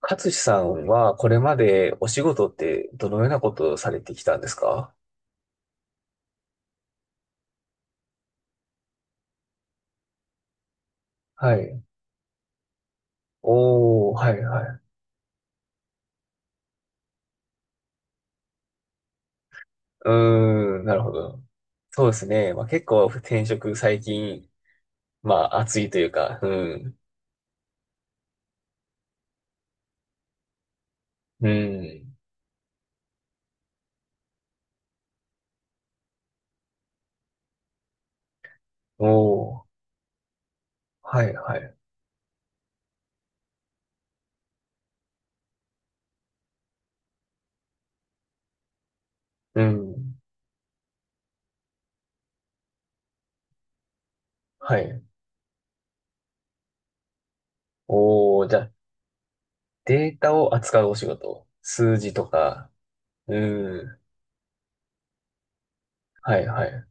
勝さんはこれまでお仕事ってどのようなことをされてきたんですか？はい。おー、はいはい。うーん、なるほど。そうですね。まあ、結構転職最近、まあ熱いというか、うん。うん。おー、はいはい。うん。はい。おー、じゃあデータを扱うお仕事。数字とか。うん。はいはい。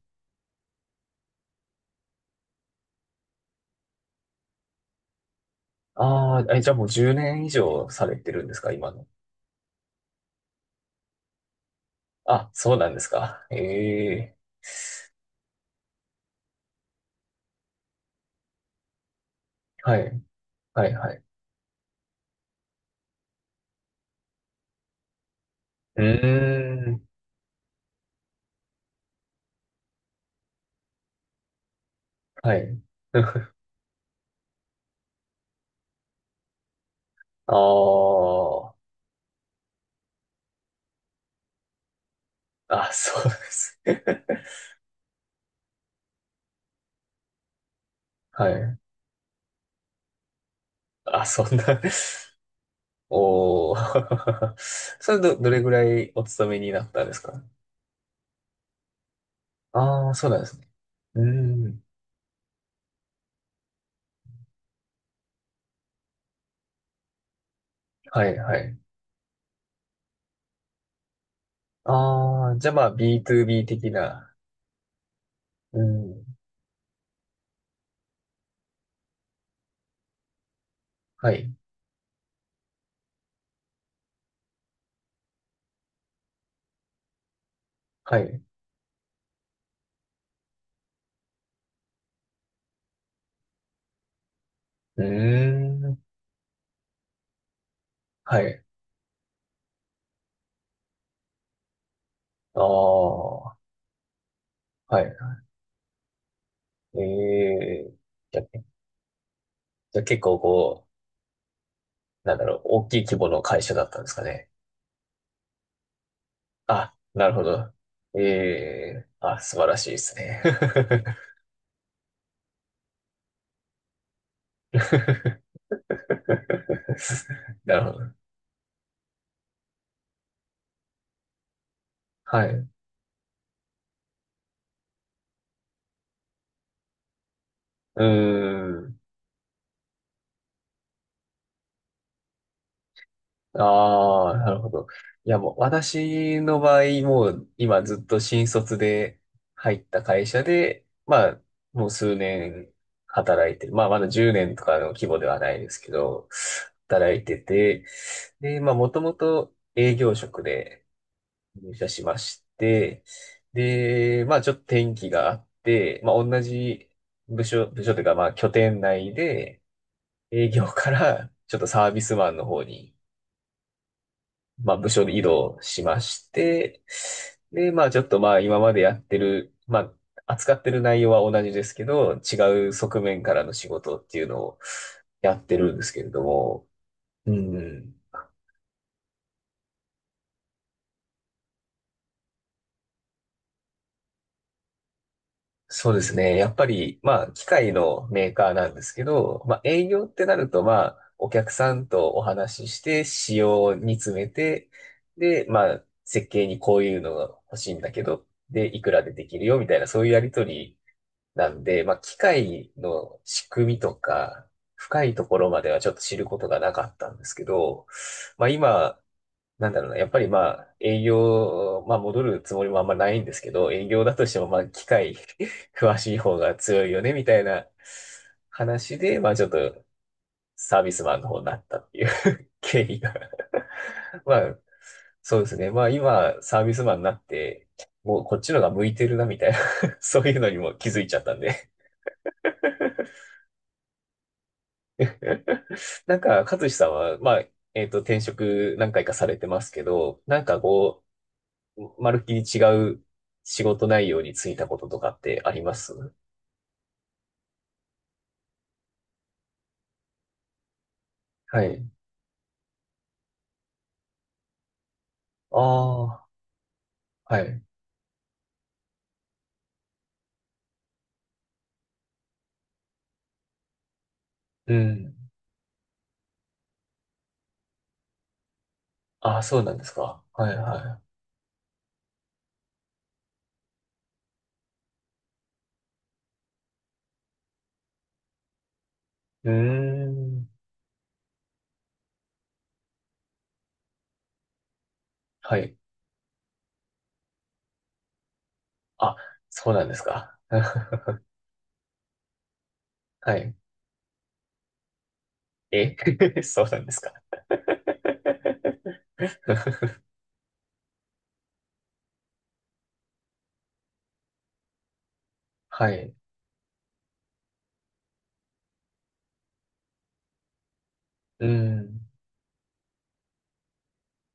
ああ、え、じゃあもう10年以上されてるんですか今の？あ、そうなんですか。ええ。はい。はいはい。うーん。はい。ああ。あ、そうです。はい。あ、そんな。おー。それど、どれぐらいお勤めになったんですか？ああー、そうなんですね。うーん。はいはい。ああ、じゃあまあ B2B 的な。うん。はい。はい。うーん。はい。ああ。はい。ええ。じゃあ、じゃあ結構こう、なんだろう、大きい規模の会社だったんですかね？あ、なるほど。ええ、あ、素晴らしいですね。なるほど。はい。うーん。ああ、なるほど。いや、もう、私の場合、もう、今ずっと新卒で入った会社で、まあ、もう数年働いてる。まあ、まだ10年とかの規模ではないですけど、働いてて、で、まあ、もともと営業職で、入社しまして、で、まあちょっと転機があって、まあ同じ部署というかまあ拠点内で営業からちょっとサービスマンの方に、まあ部署で移動しまして、で、まあちょっとまあ今までやってる、まあ扱ってる内容は同じですけど、違う側面からの仕事っていうのをやってるんですけれども、うん。そうですね。やっぱり、まあ、機械のメーカーなんですけど、まあ、営業ってなると、まあ、お客さんとお話しして、仕様に詰めて、で、まあ、設計にこういうのが欲しいんだけど、で、いくらでできるよ、みたいな、そういうやりとりなんで、まあ、機械の仕組みとか、深いところまではちょっと知ることがなかったんですけど、まあ、今、なんだろうな、やっぱりまあ、営業、まあ戻るつもりもあんまないんですけど、営業だとしてもまあ、機械 詳しい方が強いよね、みたいな話で、まあちょっとサービスマンの方になったっていう 経緯が まあ、そうですね。まあ今、サービスマンになって、もうこっちのが向いてるな、みたいな そういうのにも気づいちゃったんで。 なんか、勝志さんは、まあ、転職何回かされてますけど、なんかこう、まるっきり違う仕事内容に就いたこととかってあります？はい。ああ、はい。うん。ああ、そうなんですか。はい、はい。うーん。はい。あ、そうなんですか。はい。え。 そうなんですか。はい。うん。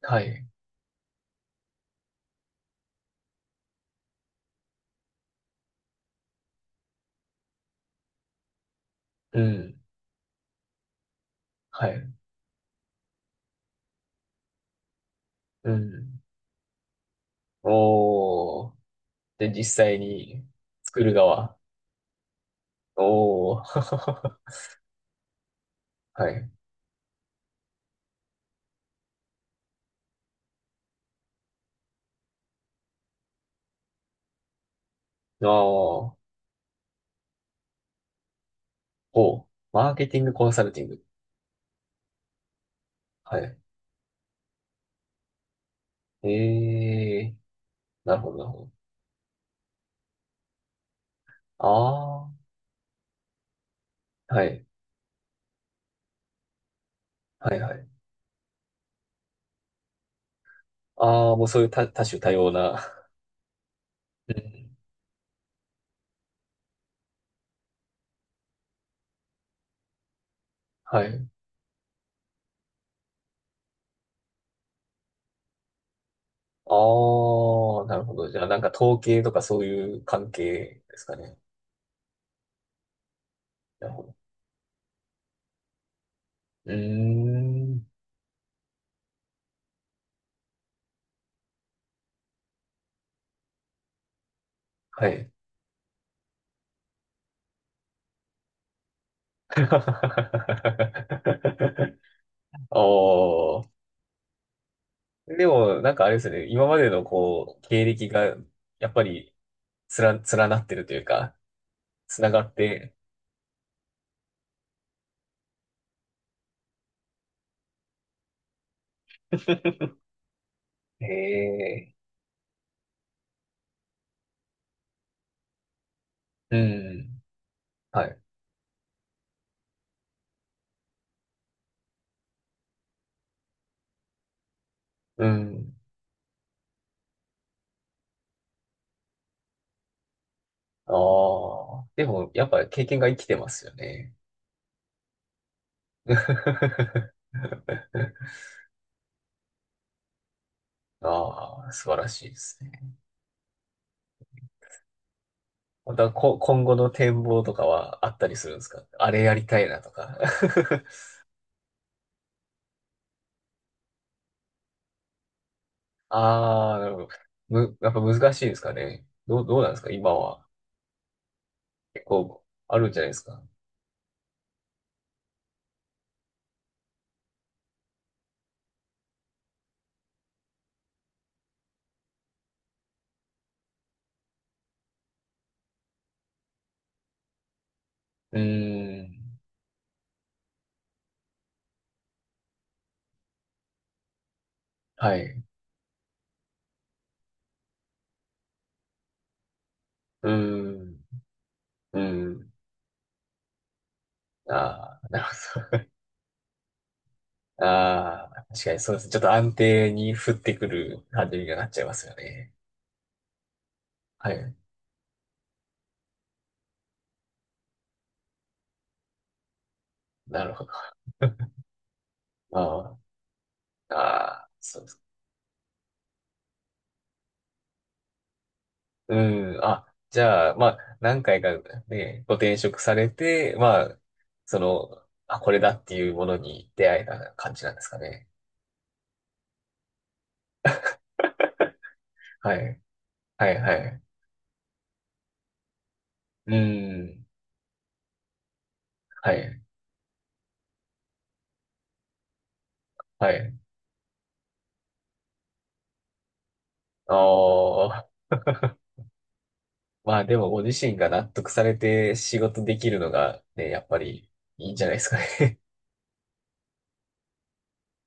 はい。うん。はい。うん。おー。で、実際に作る側。おー。はい。あー。ほう。マーケティングコンサルティング。はい。ええ。なるほど、なるほど。ああ、はい。はい、はい。ああ、もうそういう多、多種多様な。うん。はい。ああ、なるほど。じゃあ、なんか統計とかそういう関係ですかね？なるほど。うーん。はい。おー。でも、なんかあれですね。今までのこう、経歴が、やっぱり、つら、連なってるというか、つながって、へえ、うん、はい、うん。ああ、でも、やっぱ経験が生きてますよね。ああ、素晴らしいですね。また、こ、今後の展望とかはあったりするんですか？あれやりたいなとか。ああ、なるほど。む、やっぱ難しいですかね。どう、どうなんですか今は？結構、あるんじゃないですか？うーん。はい。うーん。うーん。ああ、なるほど。ああ、確かにそうです。ちょっと安定に降ってくる感じになっちゃいますよね。はい。なるほど。ああ、ああ、そうです。うん。あ、じゃあ、まあ、何回かね、ご転職されて、まあ、その、あ、これだっていうものに出会えた感じなんですかね？はい。はい、はい。うん。はい、はい。ああ、まあでもご自身が納得されて仕事できるのがね、やっぱりいいんじゃないですかね。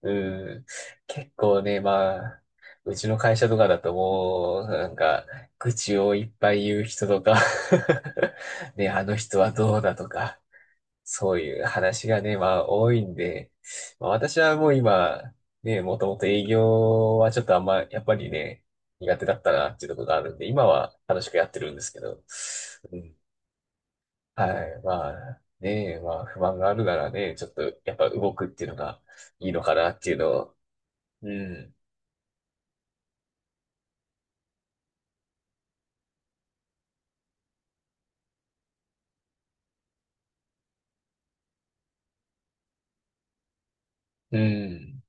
うん。結構ね、まあ、うちの会社とかだともう、なんか、愚痴をいっぱい言う人とか ね、あの人はどうだとか、そういう話がね、まあ多いんで、まあ私はもう今、ね、もともと営業はちょっとあんま、やっぱりね、苦手だったなっていうところがあるんで、今は楽しくやってるんですけど、うん。はい、まあ、ね、まあ不満があるならね、ちょっとやっぱ動くっていうのがいいのかなっていうのを、うん。うん。